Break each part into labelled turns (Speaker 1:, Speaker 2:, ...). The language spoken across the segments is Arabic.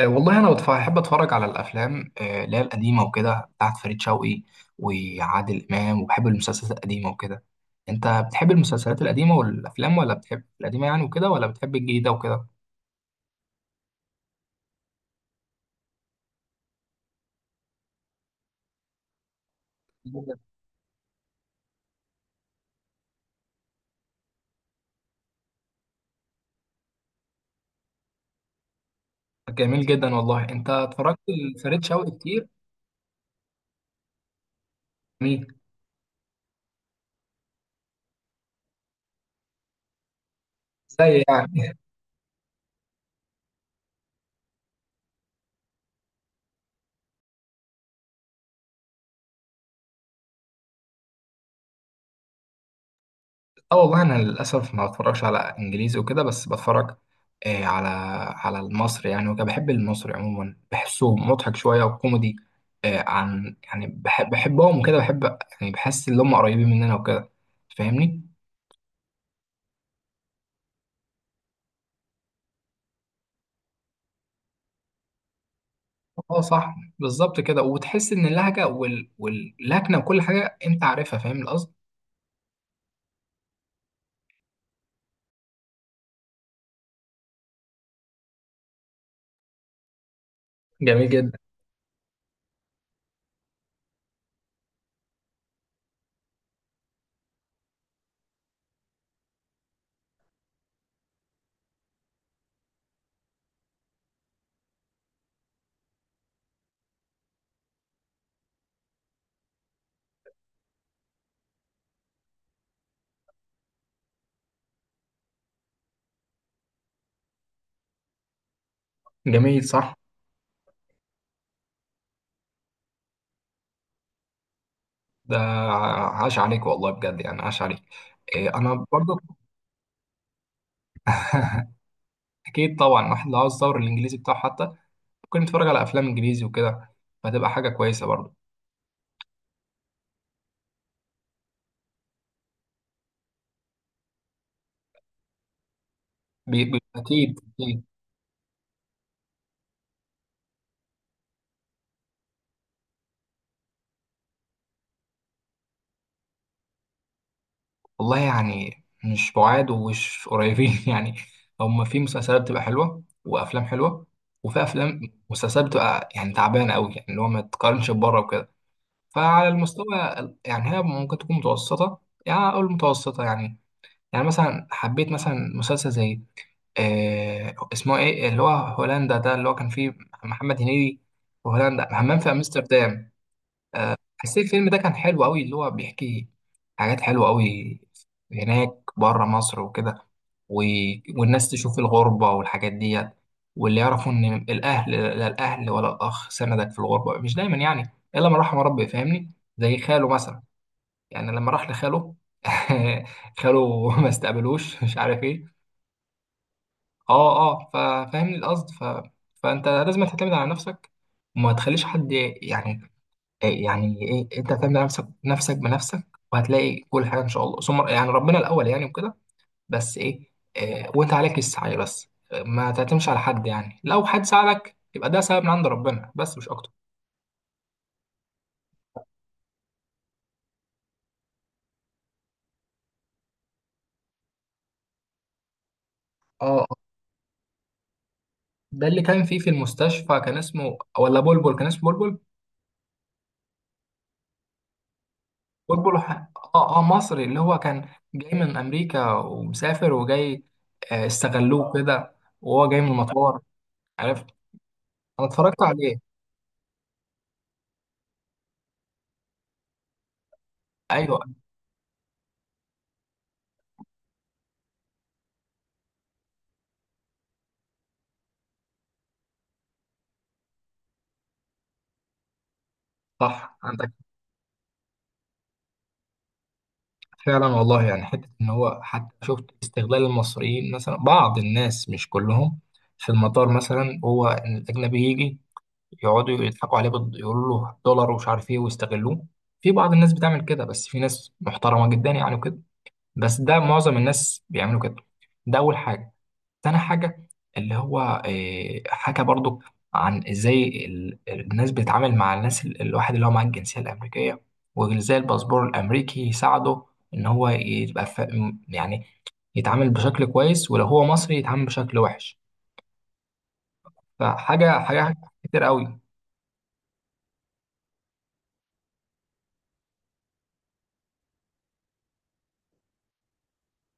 Speaker 1: والله انا بحب اتفرج على الافلام، اللي هي القديمه وكده بتاعت فريد شوقي وعادل امام، وبحب المسلسلات القديمه وكده. انت بتحب المسلسلات القديمه والافلام، ولا بتحب القديمه يعني وكده، ولا بتحب الجديده وكده؟ جميل جدا والله، انت اتفرجت لفريد شوقي كتير؟ مين؟ زي يعني؟ اه والله انا للاسف ما بتفرجش على انجليزي وكده، بس بتفرج على على المصري يعني وكده. بحب المصري عموما، بحسه مضحك شويه وكوميدي. عن يعني بحبهم وكده، بحب يعني بحس ان هم قريبين مننا وكده. فاهمني؟ اه صح، بالظبط كده، وتحس ان اللهجه واللكنه وكل حاجه انت عارفها. فاهم القصد. جميل جدا. جميل، صح. ده عاش عليك والله بجد، يعني عاش عليك. آه انا برضو. اكيد طبعا، واحد لو عاوز يطور الانجليزي بتاعه حتى، ممكن نتفرج على افلام انجليزي وكده، فهتبقى حاجه كويسه برضه. اكيد. والله يعني مش بعاد ومش قريبين، يعني هما في مسلسلات بتبقى حلوه وافلام حلوه، وفي افلام مسلسلات بتبقى يعني تعبانه قوي، يعني اللي هو ما تقارنش ببره وكده. فعلى المستوى يعني هي ممكن تكون متوسطه، يعني اقول متوسطه يعني. يعني مثلا حبيت مثلا مسلسل زي، اسمه ايه اللي هو هولندا ده، اللي هو كان فيه محمد هنيدي، وهولندا همام في امستردام. حسيت الفيلم ده كان حلو قوي، اللي هو بيحكي حاجات حلوة قوي هناك بره مصر وكده، و... والناس تشوف الغربة والحاجات ديت، واللي يعرفوا ان الاهل، لا الاهل ولا الاخ سندك في الغربة، مش دايما يعني، الا من رحم ربي. فاهمني؟ زي خاله مثلا، يعني لما راح لخاله، خاله ما استقبلوش، مش عارف ايه. اه اه، ففاهمني القصد. فانت لازم تعتمد على نفسك، وما تخليش حد يعني، إيه يعني ايه، انت هتعمل نفسك نفسك بنفسك، وهتلاقي كل حاجه ان شاء الله. ثم يعني ربنا الاول يعني وكده. بس ايه، إيه وانت عليك السعي. بس إيه، ما تعتمدش على حد يعني، لو حد ساعدك يبقى ده سبب من عند ربنا بس، مش اكتر. اه. آه. ده اللي كان فيه في المستشفى، كان اسمه ولا بلبل؟ كان اسمه بلبل. بلبل ح- اه اه، مصري، اللي هو كان جاي من امريكا، ومسافر وجاي. استغلوه كده، وهو جاي من المطار. عرفت؟ انا اتفرجت عليه. ايوه. صح عندك. فعلا والله، يعني حتة إن هو حتى شفت استغلال المصريين مثلا، بعض الناس مش كلهم، في المطار مثلا، هو إن الأجنبي يجي، يقعدوا يضحكوا عليه يقولوا له دولار ومش عارف إيه ويستغلوه. في بعض الناس بتعمل كده، بس في ناس محترمة جدا يعني وكده. بس ده معظم الناس بيعملوا كده. ده أول حاجة. تاني حاجة، اللي هو، حكى برضو عن ازاي الناس بتتعامل مع الناس الواحد اللي هو معاه الجنسية الأمريكية، وازاي الباسبور الأمريكي يساعده، إن هو يبقى يعني يتعامل بشكل كويس، ولو هو مصري يتعامل بشكل وحش. فحاجة كتير قوي.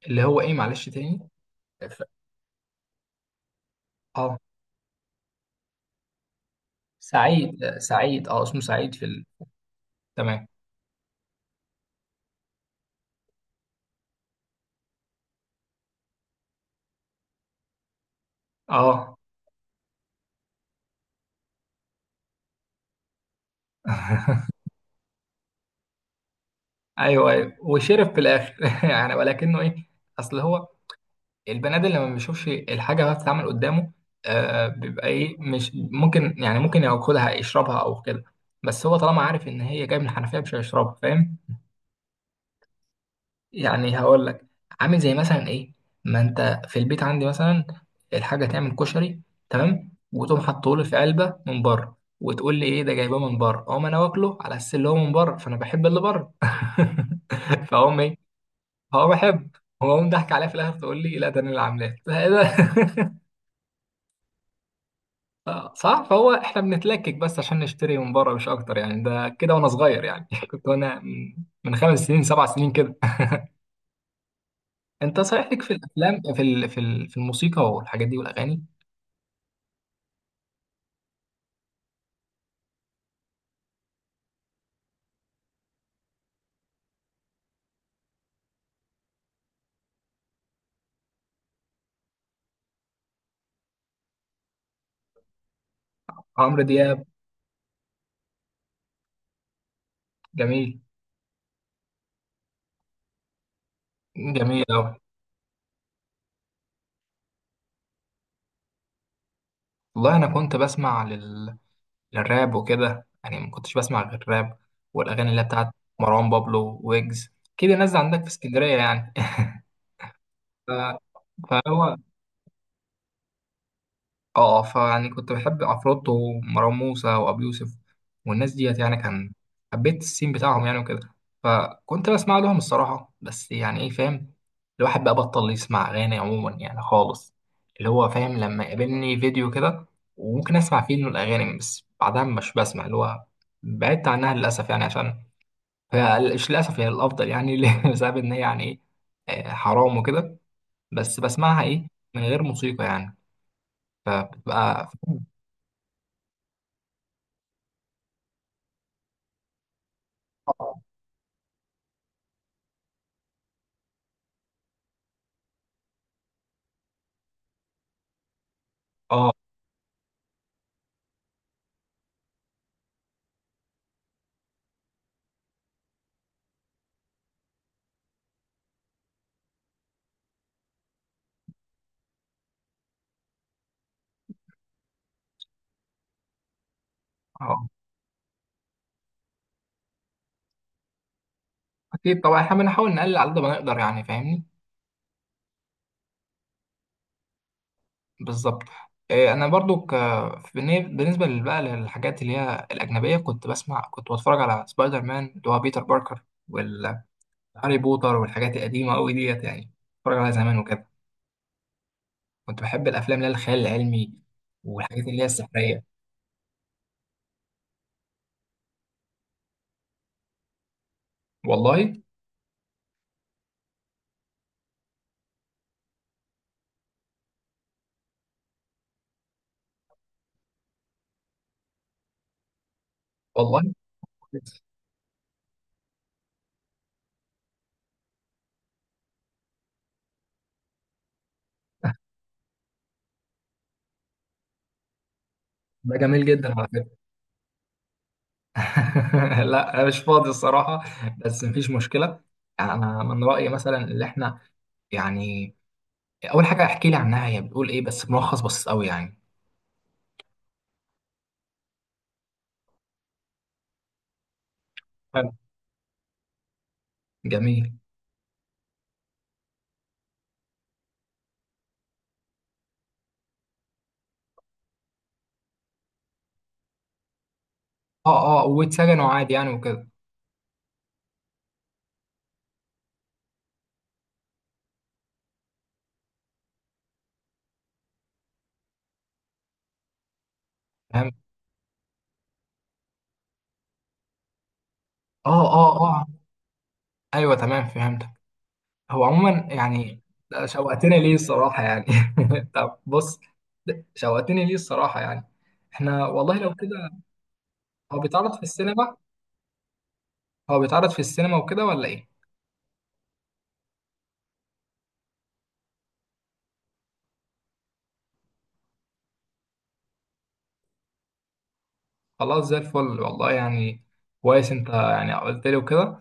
Speaker 1: اللي هو إيه معلش تاني؟ ف... اه سعيد، سعيد، اه اسمه سعيد في تمام. اه. ايوه ايوه، وشرف في الاخر، يعني. ولكنه ايه، اصل هو البني ادم لما بيشوفش الحاجه وهي بتتعمل قدامه، بيبقى ايه، مش ممكن يعني، ممكن ياكلها يشربها او كده. بس هو طالما عارف ان هي جايه من الحنفيه مش هيشربها. فاهم؟ يعني هقول لك، عامل زي مثلا ايه، ما انت في البيت عندي مثلا، الحاجه تعمل كشري تمام، وتقوم حاطه لي في علبه من بره، وتقول لي ايه ده جايباه من بره. اقوم انا واكله على اساس اللي هو من بره، فانا بحب اللي بره. فاقوم ايه، هو بحب، هو قوم ضحك عليا في الاخر، تقول لي لا ده انا اللي عاملاه. ده إيه ده؟ صح، فهو احنا بنتلكك بس عشان نشتري من بره، مش اكتر يعني. ده كده وانا صغير يعني، كنت وانا من 5 سنين 7 سنين كده. انت صحيح ليك في الافلام، في الموسيقى والحاجات دي والاغاني؟ عمرو دياب. جميل. جميل قوي. والله انا كنت بسمع للراب وكده يعني، ما كنتش بسمع غير الراب، والاغاني اللي هي بتاعت مروان بابلو ويجز، كده نازل عندك في اسكندريه يعني. ف... فهو، اه، فيعني كنت بحب عفروتو ومروان موسى وابي يوسف، والناس ديت يعني، كان حبيت السين بتاعهم يعني وكده. فكنت بسمع لهم الصراحة. بس يعني ايه، فاهم، الواحد بقى بطل يسمع أغاني عموما يعني خالص. اللي هو فاهم، لما يقابلني فيديو كده وممكن أسمع فيه، إنه الأغاني بس، بعدها مش بسمع. اللي هو بعدت عنها للأسف يعني، عشان، مش للأسف هي الأفضل يعني، بسبب إن هي يعني إيه، حرام وكده. بس بسمعها إيه، من غير موسيقى يعني، فبتبقى. اه اه، اكيد طبعا، احنا بنحاول نقلل على قد ما نقدر يعني. فاهمني؟ بالظبط. انا برضو بالنسبه بقى للحاجات اللي هي الاجنبيه، كنت بسمع، كنت بتفرج على سبايدر مان اللي هو بيتر باركر، والهاري بوتر، والحاجات القديمه قوي ديت يعني، بتفرج عليها زمان وكده. كنت بحب الافلام اللي هي الخيال العلمي، والحاجات اللي هي السحريه. والله والله. كويس. ده جميل جدا على فكره. لا انا مش فاضي الصراحه، بس مفيش مشكله. يعني انا من رايي مثلا، اللي احنا يعني، اول حاجه احكي لي عنها هي بتقول ايه، بس ملخص بسيط قوي يعني. حلو. جميل. اه اه، واتسجنوا عادي يعني وكده. فهمت. اه اه اه. ايوه تمام فهمتك. هو عموما يعني، ده شوقتني ليه الصراحه يعني. طب بص، ده شوقتني ليه الصراحه يعني. احنا والله لو كده، هو بيتعرض في السينما؟ هو بيتعرض في السينما وكده، ولا ايه؟ خلاص زي الفل والله يعني. كويس، انت يعني قلت لي وكده.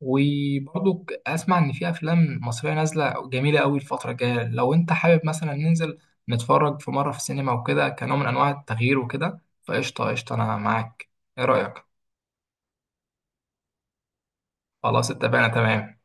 Speaker 1: وبرضو اسمع ان في افلام مصريه نازله جميله قوي الفتره الجايه. لو انت حابب مثلا ننزل نتفرج في مره في السينما وكده، كنوع من انواع التغيير وكده، فقشطه قشطه انا معاك. ايه رايك؟ خلاص اتفقنا تمام.